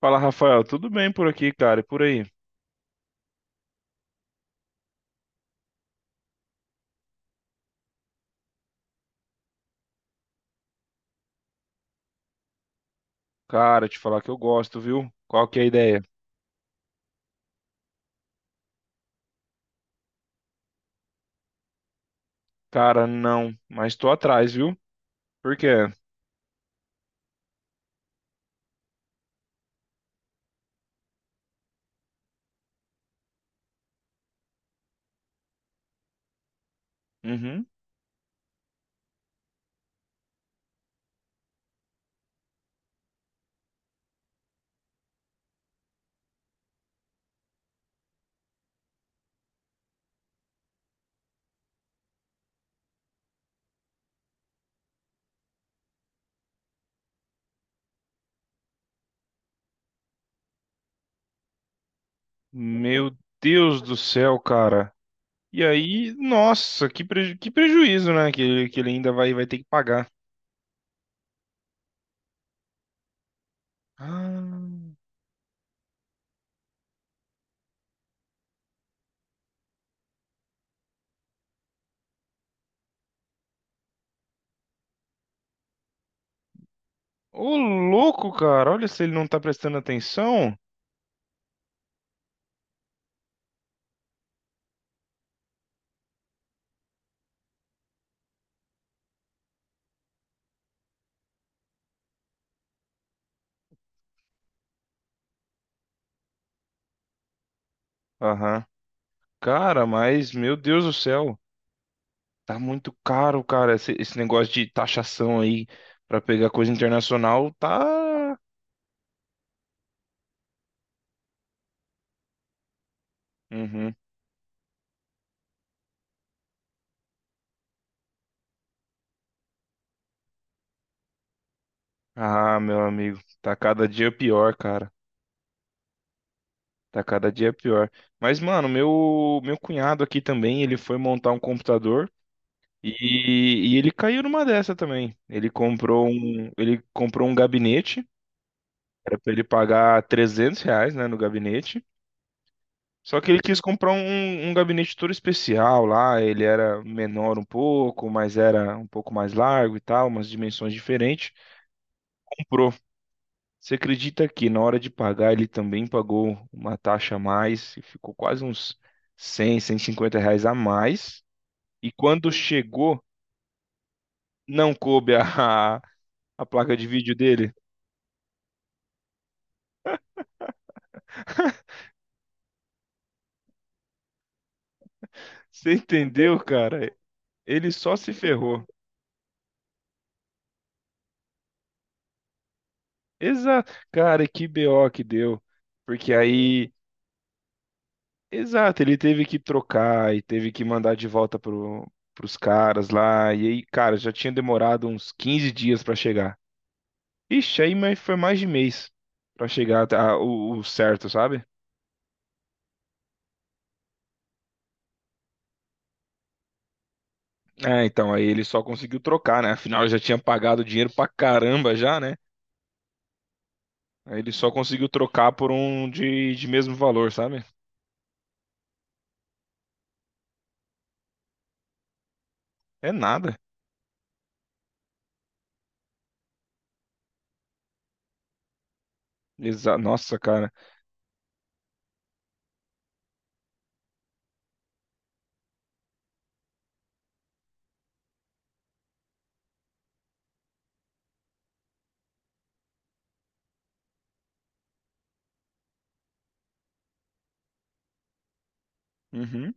Fala, Rafael, tudo bem por aqui, cara? E por aí? Cara, te falar que eu gosto, viu? Qual que é a ideia? Cara, não, mas tô atrás, viu? Por quê? Uhum. Meu Deus do céu, cara. E aí, nossa, que prejuízo, né? Que ele ainda vai ter que pagar. Ah, ô louco, cara, olha se ele não tá prestando atenção. Aham. Cara, mas, meu Deus do céu, tá muito caro, cara, esse negócio de taxação aí pra pegar coisa internacional, tá. Uhum. Ah, meu amigo, tá cada dia pior, cara. Tá cada dia pior. Mas, mano, meu cunhado aqui também, ele foi montar um computador e ele caiu numa dessa também. Ele comprou um gabinete, era pra ele pagar R$ 300, né, no gabinete. Só que ele quis comprar um gabinete todo especial lá, ele era menor um pouco, mas era um pouco mais largo e tal, umas dimensões diferentes. Comprou. Você acredita que na hora de pagar ele também pagou uma taxa a mais e ficou quase uns 100, R$ 150 a mais? E quando chegou, não coube a, a placa de vídeo dele? Você entendeu, cara? Ele só se ferrou. Exato. Cara, que BO que deu. Porque aí, exato, ele teve que trocar e teve que mandar de volta pros caras lá. E aí, cara, já tinha demorado uns 15 dias pra chegar. Ixi, aí mas foi mais de mês pra chegar o certo, sabe? É, então, aí ele só conseguiu trocar, né? Afinal, eu já tinha pagado dinheiro pra caramba já, né? Aí ele só conseguiu trocar por um de mesmo valor, sabe? É nada. Exa Nossa, cara. Uhum,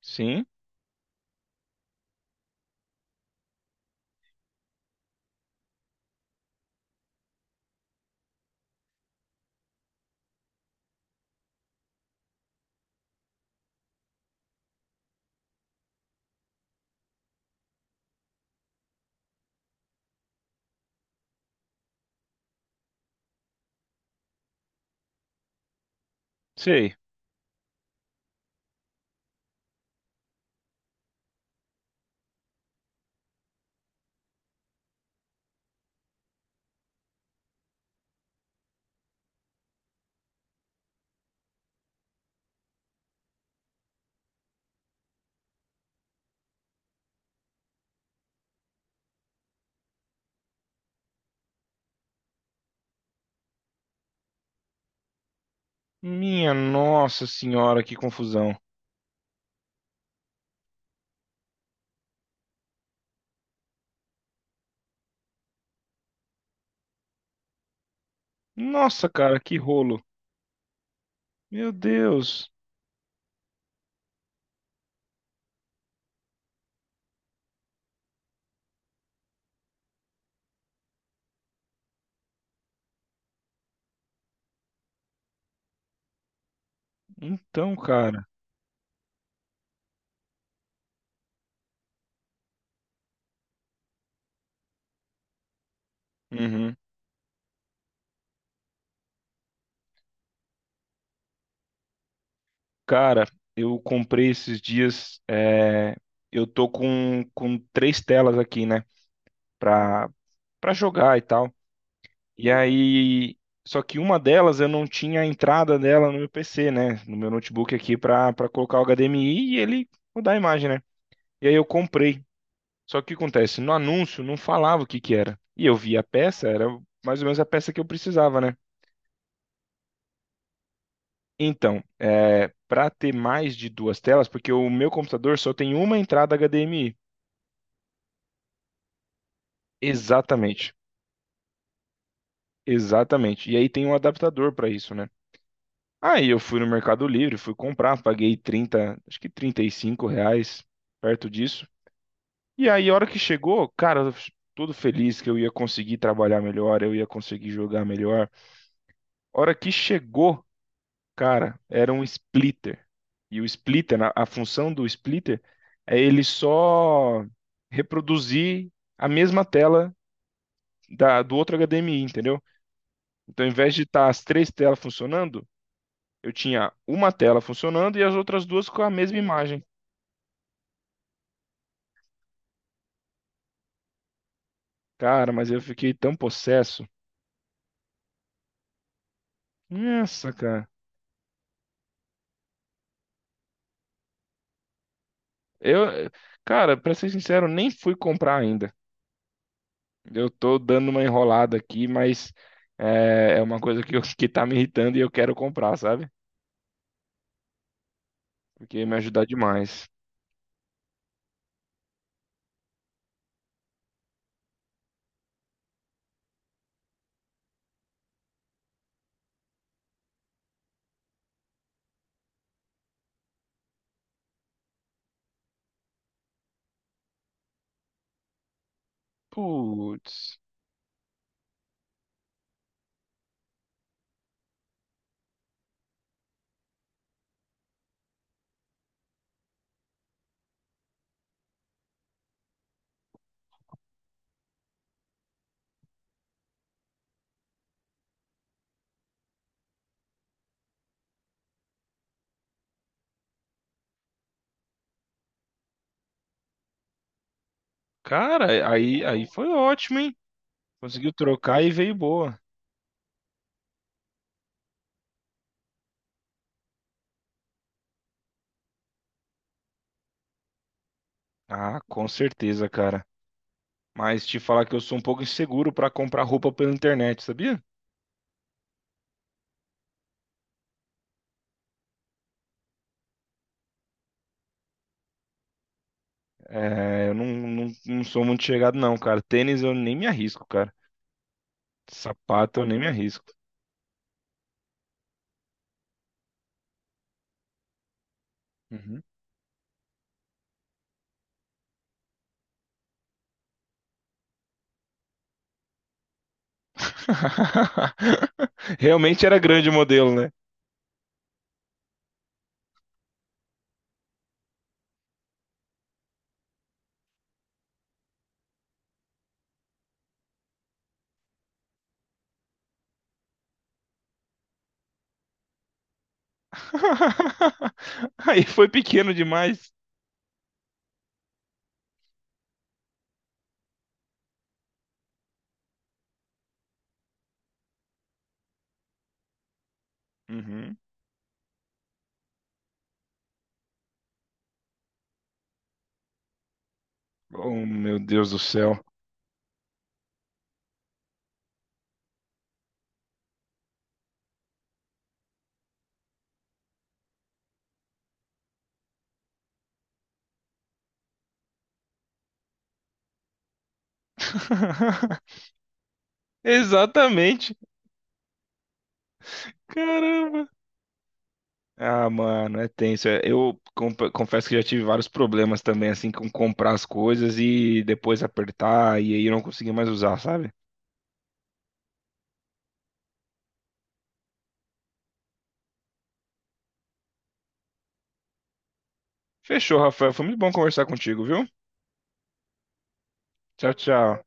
sim, sei. Minha nossa senhora, que confusão. Nossa, cara, que rolo. Meu Deus. Então, cara. Uhum. Cara, eu comprei esses dias. Eu tô com três telas aqui, né? Pra, Pra jogar e tal. E aí. Só que uma delas eu não tinha a entrada dela no meu PC, né? No meu notebook aqui pra colocar o HDMI e ele mudar a imagem, né? E aí eu comprei. Só que o que acontece? No anúncio não falava o que que era. E eu vi a peça, era mais ou menos a peça que eu precisava, né? Então, é, para ter mais de duas telas, porque o meu computador só tem uma entrada HDMI. Exatamente, exatamente. E aí tem um adaptador para isso, né? Aí eu fui no Mercado Livre, fui comprar, paguei 30, acho que R$ 35, perto disso. E aí, a hora que chegou, cara, eu f- todo feliz que eu ia conseguir trabalhar melhor, eu ia conseguir jogar melhor. A hora que chegou, cara, era um splitter. E o splitter, a função do splitter é ele só reproduzir a mesma tela do outro HDMI, entendeu? Então, ao invés de estar as três telas funcionando, eu tinha uma tela funcionando e as outras duas com a mesma imagem. Cara, mas eu fiquei tão possesso. Nossa, cara. Eu, cara, pra ser sincero, nem fui comprar ainda. Eu tô dando uma enrolada aqui, mas é uma coisa que que tá me irritando e eu quero comprar, sabe? Porque ia me ajudar demais. Putz. Cara, aí foi ótimo, hein? Conseguiu trocar e veio boa. Ah, com certeza, cara. Mas te falar que eu sou um pouco inseguro para comprar roupa pela internet, sabia? É, eu não sou muito chegado, não, cara. Tênis eu nem me arrisco, cara. Sapato eu nem me arrisco. Uhum. Realmente era grande o modelo, né? Aí foi pequeno demais. Uhum. Oh, meu Deus do céu. Exatamente. Caramba! Ah, mano, é tenso. É, eu confesso que já tive vários problemas também, assim, com comprar as coisas e depois apertar e aí eu não consegui mais usar, sabe? Fechou, Rafael. Foi muito bom conversar contigo, viu? Tchau, tchau.